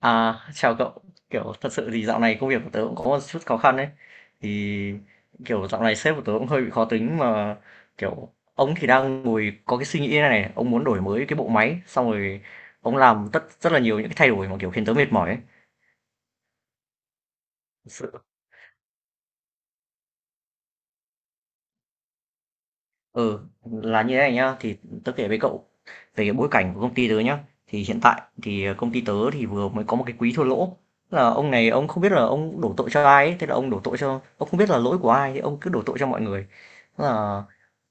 À, chào cậu. Kiểu thật sự thì dạo này công việc của tớ cũng có một chút khó khăn ấy. Thì kiểu dạo này sếp của tớ cũng hơi bị khó tính mà kiểu ông thì đang ngồi có cái suy nghĩ này này, ông muốn đổi mới cái bộ máy xong rồi ông làm tất rất là nhiều những cái thay đổi mà kiểu khiến tớ mệt mỏi ấy. Ừ, là như thế này nhá, thì tớ kể với cậu về cái bối cảnh của công ty tớ nhá. Thì hiện tại thì công ty tớ thì vừa mới có một cái quý thua lỗ. Tức là ông này ông không biết là ông đổ tội cho ai ấy, thế là ông đổ tội cho ông không biết là lỗi của ai, thì ông cứ đổ tội cho mọi người. Tức là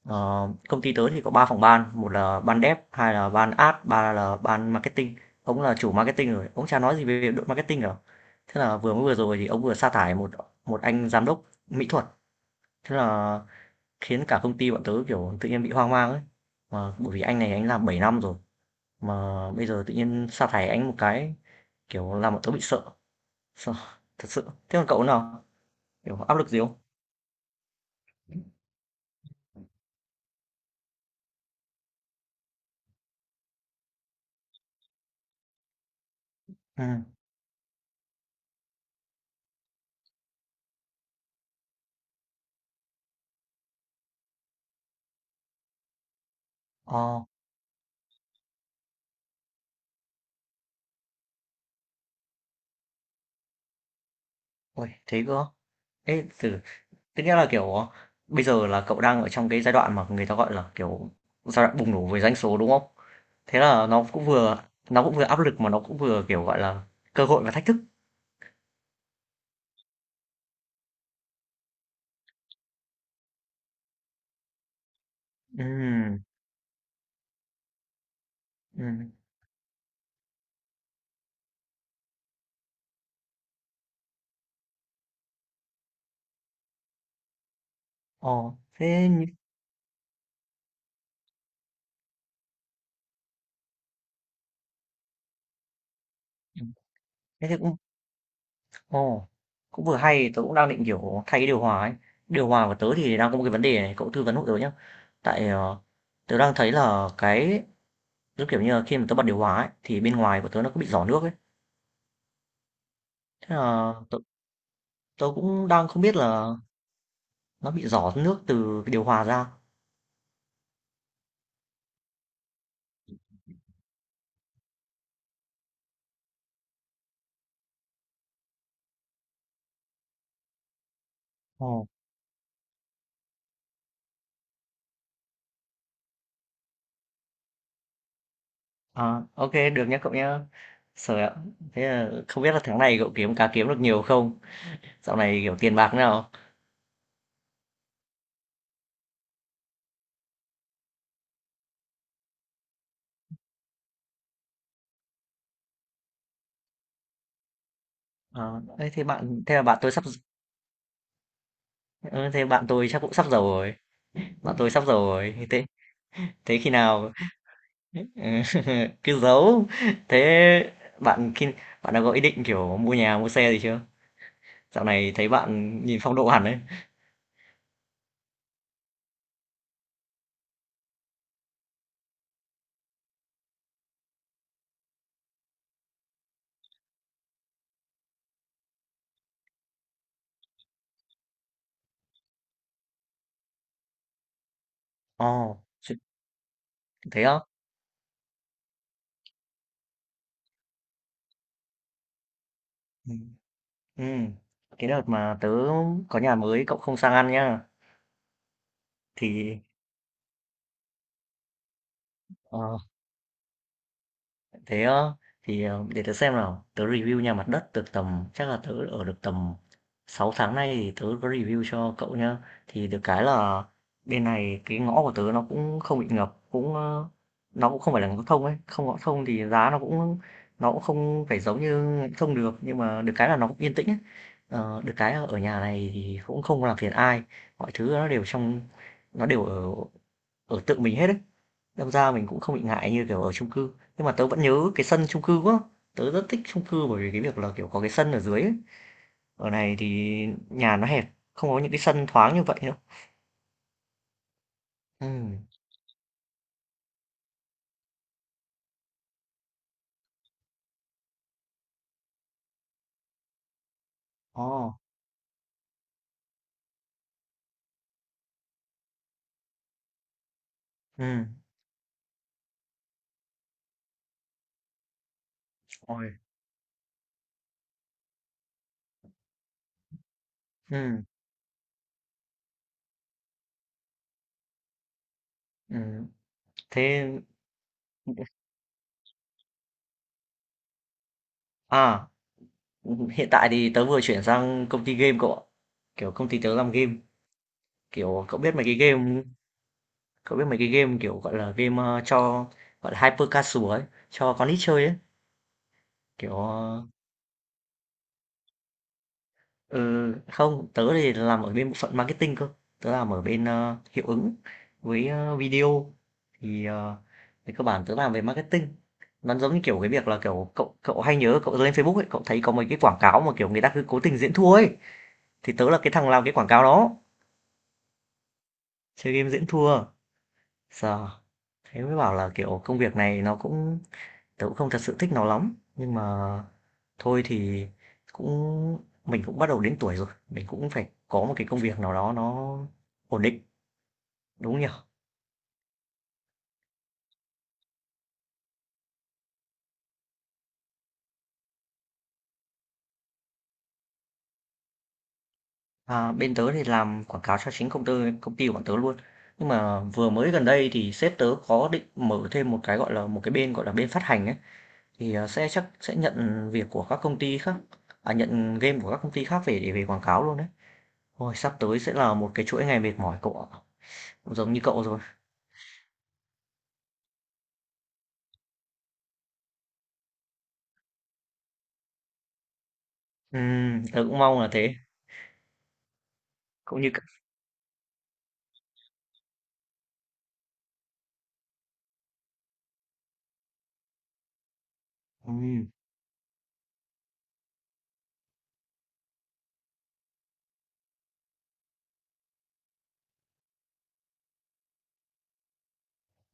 công ty tớ thì có 3 phòng ban, một là ban dev, hai là ban ad, ba là ban marketing. Ông là chủ marketing rồi, ông chả nói gì về đội marketing cả. Thế là vừa mới vừa rồi thì ông vừa sa thải một một anh giám đốc mỹ thuật. Thế là khiến cả công ty bọn tớ, kiểu, tự nhiên bị hoang mang ấy. Mà bởi vì anh này anh làm 7 năm rồi, mà bây giờ tự nhiên sa thải anh một cái, kiểu, làm bọn tớ bị sợ, sợ thật sự. Thế còn cậu nào? Kiểu, áp lực gì không? Ừ, ờ, ôi, thế cơ á? Ê, tức nghĩa là, kiểu, bây giờ là cậu đang ở trong cái giai đoạn mà người ta, gọi là, kiểu, giai đoạn bùng nổ về doanh số, đúng không? Thế là nó cũng vừa áp lực mà nó cũng vừa, kiểu, gọi là, cơ hội và thách thức. Ừ, ừ, ờ, thế như ừm, thế thì cũng ồ, cũng vừa hay, tớ cũng đang định, kiểu, thay cái điều hòa ấy. Điều hòa của tớ thì đang có một cái vấn đề này, cậu tư vấn hộ tớ nhá. Tại, tớ đang thấy là cái giống kiểu như là, khi mà tớ bật điều hòa ấy, thì bên ngoài của tớ nó cứ bị rỏ nước ấy. Thế là tớ tớ cũng đang không biết là nó bị rỏ nước từ cái điều hòa ra. Ồ, à, ô được nhá cậu nhá. Sợ ạ, thế là không biết là tháng này cậu kiếm được nhiều không? Dạo này, kiểu, tiền bạc thế nào? Ờ, thế bạn thế là bạn tôi sắp d thế bạn tôi chắc cũng sắp giàu rồi, bạn tôi sắp giàu rồi, thế thế khi nào cứ giấu. Thế bạn khi bạn đã có ý định, kiểu, mua nhà, mua xe gì chưa? Dạo này thấy bạn nhìn phong độ hẳn đấy. Ồ, ch Thế á? Ừm, ừm. Cái đợt mà tớ có nhà mới, cậu không sang ăn nhá. Thì ờ. Thế á, thì, để tớ xem nào, tớ review nhà mặt đất được tầm chắc là tớ ở được tầm 6 tháng nay thì tớ có review cho cậu nhá. Thì được cái là bên này cái ngõ của tớ nó cũng không bị ngập, cũng nó cũng không phải là ngõ thông ấy, không ngõ thông thì giá nó cũng không phải giống như ngõ thông được, nhưng mà được cái là nó cũng yên tĩnh ấy. Ờ, được cái là ở nhà này thì cũng không làm phiền ai, mọi thứ nó đều ở ở tự mình hết ấy. Đâm ra mình cũng không bị ngại như, kiểu, ở chung cư. Nhưng mà tớ vẫn nhớ cái sân chung cư quá, tớ rất thích chung cư bởi vì cái việc là, kiểu, có cái sân ở dưới ấy. Ở này thì nhà nó hẹp, không có những cái sân thoáng như vậy nữa. Ừ, ồ, ừ, ôi, ừ, ừm, thế à, hiện tại thì tớ vừa chuyển sang công ty game cậu ạ. Kiểu, công ty tớ làm game, kiểu, cậu biết mấy cái game, kiểu, gọi là, game, cho, gọi là, hyper casual ấy, cho con nít chơi ấy, kiểu, ờ Ừ, không, tớ thì làm ở bên bộ phận marketing cơ. Tớ làm ở bên hiệu ứng với video thì về cơ bản tớ làm về marketing. Nó giống như kiểu cái việc là kiểu cậu cậu hay nhớ cậu lên Facebook ấy, cậu thấy có mấy cái quảng cáo mà kiểu người ta cứ cố tình diễn thua ấy thì tớ là cái thằng làm cái quảng cáo đó, chơi game diễn thua. Sợ thế mới bảo là kiểu công việc này nó cũng tớ cũng không thật sự thích nó lắm nhưng mà thôi thì cũng mình cũng bắt đầu đến tuổi rồi, mình cũng phải có một cái công việc nào đó nó ổn định, đúng không nhỉ? À, bên tớ thì làm quảng cáo cho chính công ty của bọn tớ luôn. Nhưng mà vừa mới gần đây thì sếp tớ có định mở thêm một cái, gọi là, một cái bên, gọi là, bên phát hành ấy, thì, chắc sẽ nhận việc của các công ty khác à, nhận game của các công ty khác về để về quảng cáo luôn đấy. Ôi, sắp tới sẽ là một cái chuỗi ngày mệt mỏi cậu ạ, cũng giống như cậu rồi. Tớ cũng mong là thế, cũng như c ừm,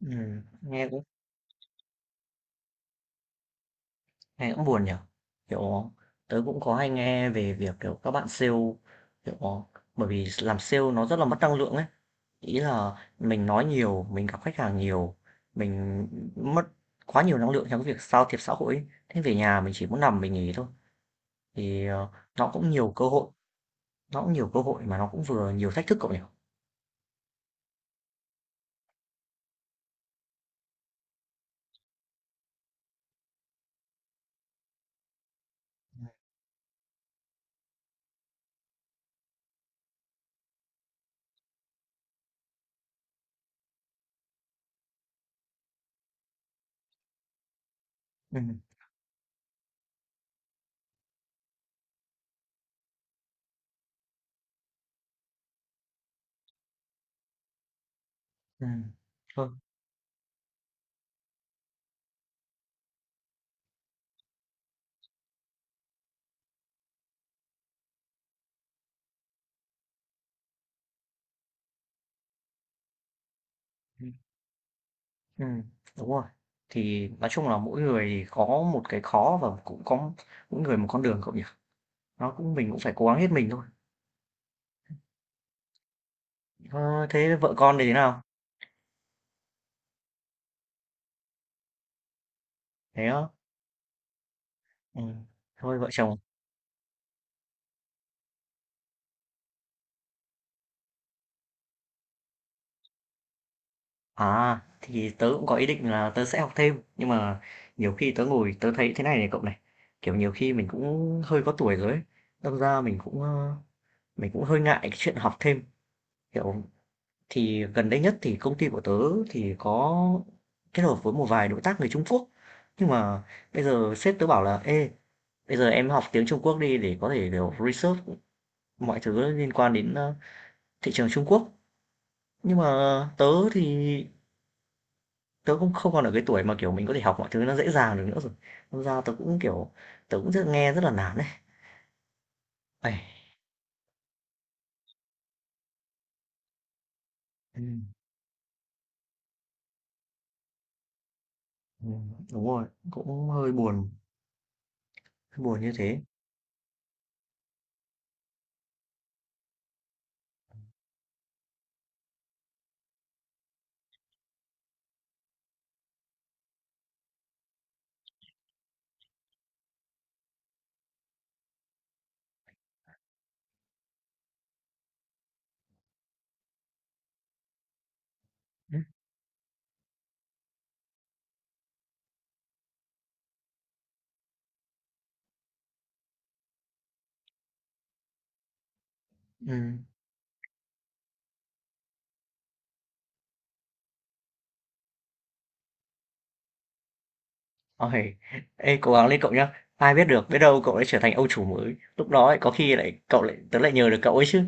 nghe cũng nghe cũng buồn nhỉ? Kiểu, tớ cũng có hay nghe về việc, kiểu, các bạn sale, kiểu bởi vì làm sale nó rất là mất năng lượng ấy. Ý là mình nói nhiều, mình gặp khách hàng nhiều, mình mất quá nhiều năng lượng trong cái việc giao thiệp xã hội ấy. Thế về nhà mình chỉ muốn nằm mình nghỉ thôi. Thì, nó cũng nhiều cơ hội, nó cũng nhiều cơ hội mà nó cũng vừa nhiều thách thức cậu nhỉ? Ừ, ừ, thôi, ừ, ừm, đúng rồi. Thì nói chung là mỗi người thì có một cái khó và cũng có mỗi người một con đường cậu nhỉ? Nó cũng mình cũng phải cố gắng hết mình thôi. Ơ, thế vợ con thì thế nào? Thế á? Ừm, thôi vợ chồng. À, thì tớ cũng có ý định là tớ sẽ học thêm, nhưng mà nhiều khi tớ ngồi tớ thấy thế này này cậu này, kiểu, nhiều khi mình cũng hơi có tuổi rồi ấy, đâm ra mình cũng hơi ngại cái chuyện học thêm. Kiểu, thì gần đây nhất thì công ty của tớ thì có kết hợp với một vài đối tác người Trung Quốc, nhưng mà bây giờ sếp tớ bảo là "Ê, bây giờ em học tiếng Trung Quốc đi để có thể, kiểu, research mọi thứ liên quan đến, thị trường Trung Quốc." Nhưng mà tớ thì tớ cũng không còn ở cái tuổi mà, kiểu, mình có thể học mọi thứ nó dễ dàng được nữa rồi. Đâm ra tớ cũng, kiểu, tớ cũng nghe rất là nản đấy. Uầy, ừm, đúng rồi, cũng hơi buồn như thế. Ừ, ừm, uầy. Ê, cố gắng lên cậu nhá. Ai biết được, biết đâu cậu lại trở thành ông chủ mới. Lúc đó ấy, có khi lại cậu lại tớ lại nhờ được cậu ấy chứ.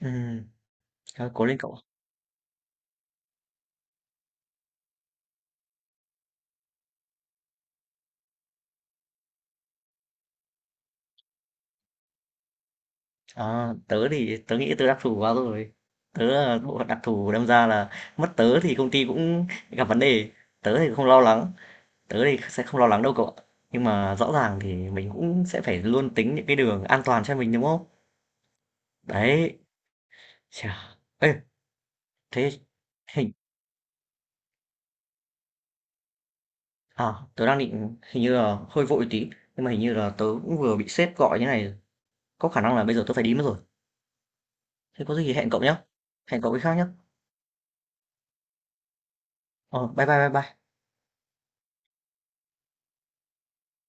Ừm, thôi cố lên cậu. À, tớ thì tớ nghĩ tớ đặc thù quá rồi, tớ là bộ phận đặc thù, đâm ra là mất tớ thì công ty cũng gặp vấn đề. tớ thì không lo lắng tớ thì sẽ không lo lắng đâu cậu ạ, nhưng mà rõ ràng thì mình cũng sẽ phải luôn tính những cái đường an toàn cho mình, đúng không? Đấy. Chà, ê, thế hình à, tớ đang định hình như là hơi vội tí, nhưng mà hình như là tớ cũng vừa bị sếp gọi như này, có khả năng là bây giờ tớ phải đi mất rồi. Thế có gì hẹn cậu cái khác nhé. Ờ bye bye bye bye